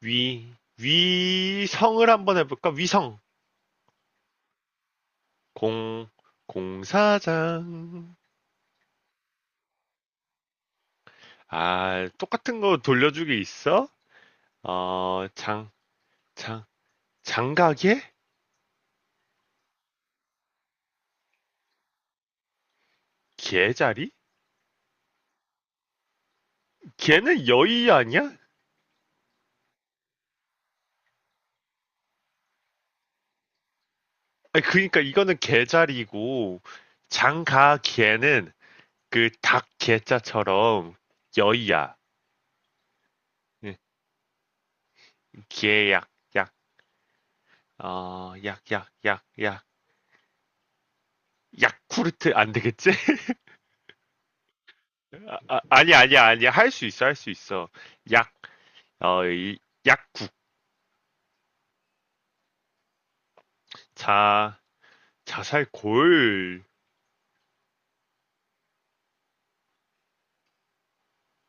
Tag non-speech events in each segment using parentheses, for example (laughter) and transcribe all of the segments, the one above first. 위, 위성을 한번 해볼까? 위성. 공, 공사장. 아, 똑같은 거 돌려주기 있어? 장, 장, 장가게? 개자리? 개는 여의 아니야? 아니, 그니까 이거는 개자리고, 장가개는 그 닭 개자처럼 여의야. 예, 개약, 약, 약, 약, 약, 약, 약. 야쿠르트 안 되겠지? 아, 아, 아니야, 아니야, 아니야. 할 수 있어, 할 수 있어. 약, 어, 이, 약국, 자, 자살 골,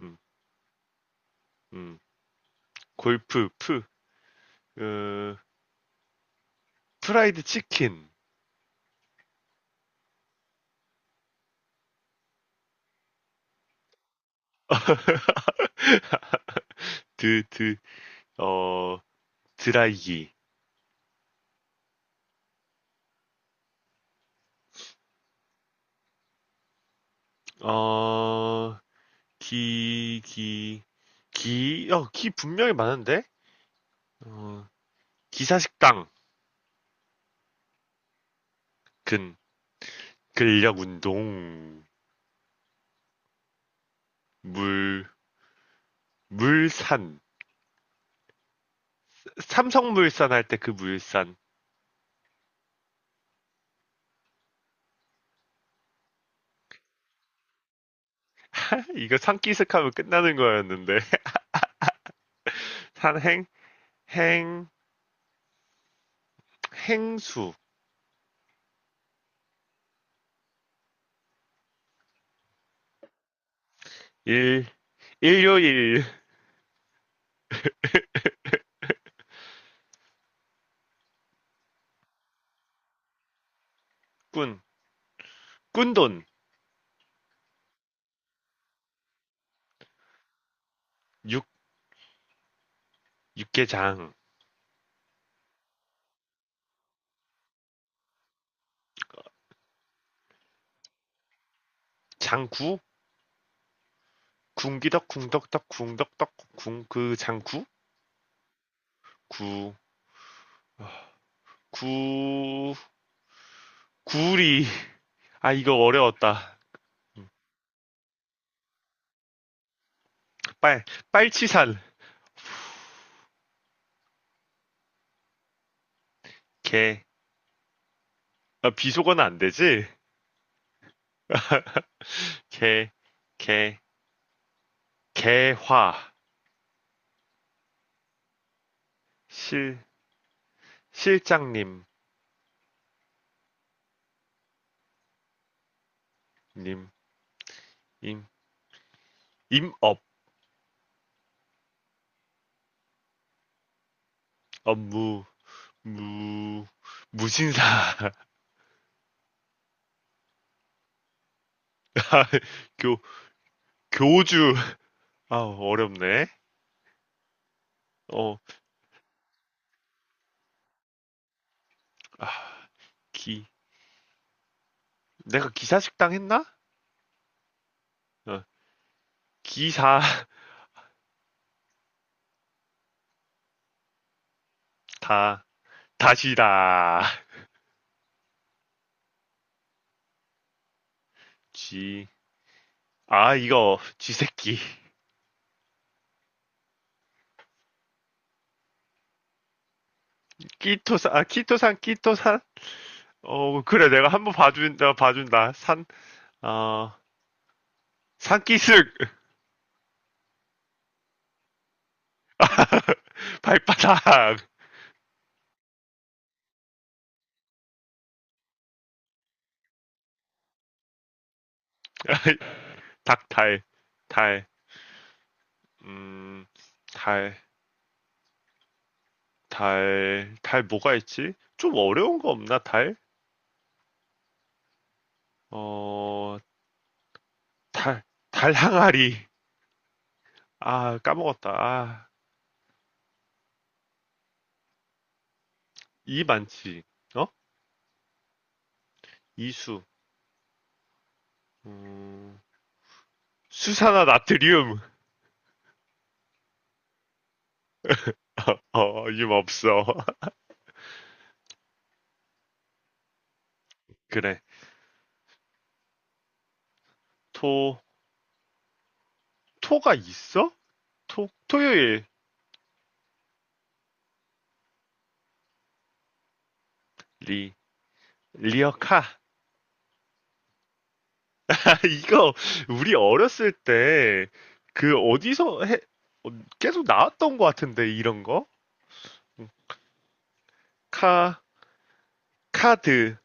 음, 음, 골프, 프, 어, 프라이드 치킨, 드, 드, 어, 드라이기, 어, 기, 기, 기, 기 분명히 많은데? 어, 기사식당, 근, 근력 운동, 물, 물산, 삼성물산 할 때 그 물산, (laughs) 이거 산기슭하면 끝나는 거였는데 (laughs) 산행 행 행수 일 일요일꾼 꾼돈 육 육개장 장구 궁기덕 궁덕덕 궁덕덕 궁그 장구 구구 구리 아 이거 어려웠다 빨 빨치산 개 아, 비속어는 안 되지 개개 개화 실 실장님 님임 임업 업무 무 무신사 (laughs) 교 교주 아 어렵네 어기 내가 기사식당 했나 어, 기사 다 다시다 지아 이거 지새끼 끼토산 아 키토산 끼토산 어 그래 내가 한번 봐준다 봐준다 산어 산기슭 (laughs) 발바닥 (laughs) 닭달달음달 달, 달 뭐가 있지? 좀 어려운 거 없나, 달? 어, 달, 달 항아리. 아, 까먹었다. 아, 이 많지. 어? 이수. 음, 수산화 나트륨. (laughs) 임 없어. (laughs) 그래. 토, 토가 있어? 토, 토요일. 리, 리어카. (laughs) 아, 이거, 우리 어렸을 때, 그, 어디서 해, 어, 계속 나왔던 것 같은데, 이런 거? 카, 카드.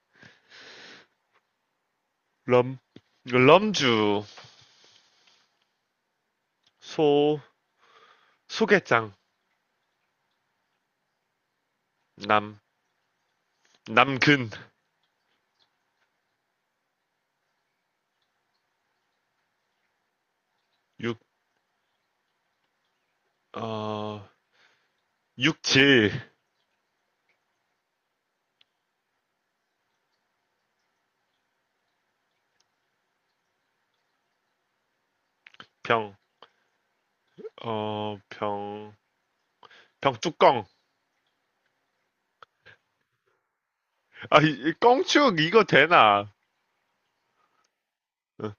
럼, 럼주, 소, 소개장, 남, 남근, 육, 어, 육질, 병, 병, 병뚜껑. 아, 이, 껑축, 이거 되나? 어,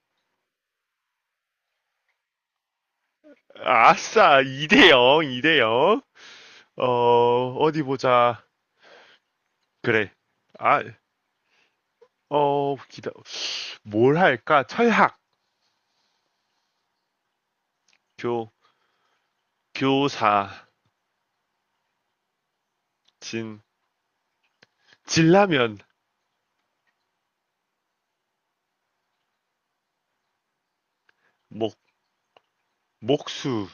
아싸, 2-0, 2-0. 어, 어디 보자. 그래. 아, 어, 기다, 뭘 할까? 철학, 교, 교사, 진, 진라면, 목, 목수,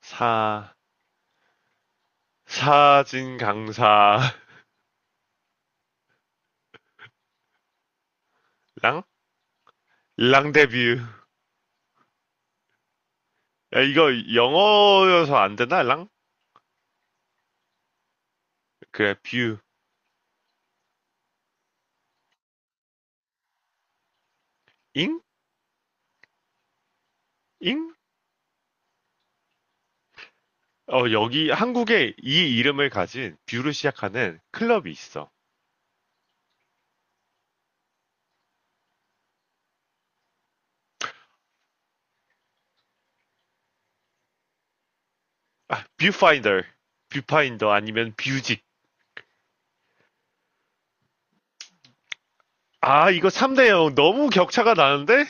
사, 사진 강사랑 랑 데뷔. 야 이거 영어여서 안 되나 랑? 그래 뷰. 잉? 잉? 어 여기 한국에 이 이름을 가진 뷰를 시작하는 클럽이 있어. 아 뷰파인더. 뷰파인더 아니면 뷰직. 아 이거 3-0 너무 격차가 나는데?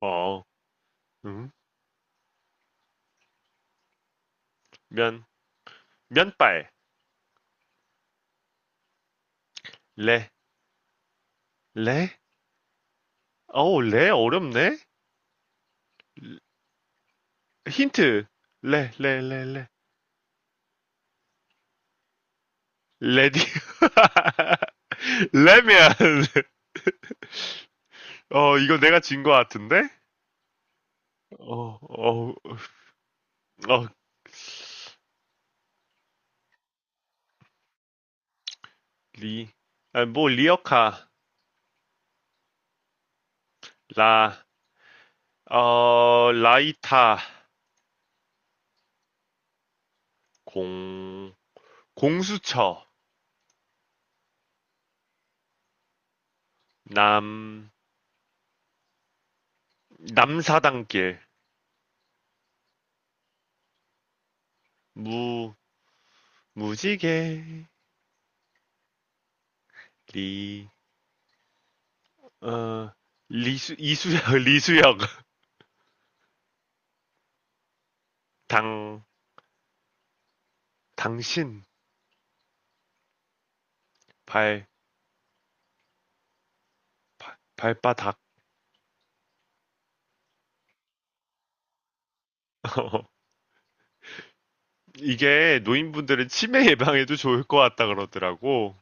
어. 음. 면 면발. 레. 레. 어우 레 어렵네. 힌트. 레 레 레 레. 레디. (laughs) 레미안. (laughs) 이거 내가 진 거 같은데? 어, 어, 어, 리. 아, 뭐, 리어카. 라. 라이타. 공. 공수처. 남. 남사당길. 무. 무지개. 리. 어, 리수, 이수혁, (laughs) 리수혁. 당. 당신. 발. 발 발바닥. (laughs) 이게 노인분들은 치매 예방에도 좋을 것 같다 그러더라고.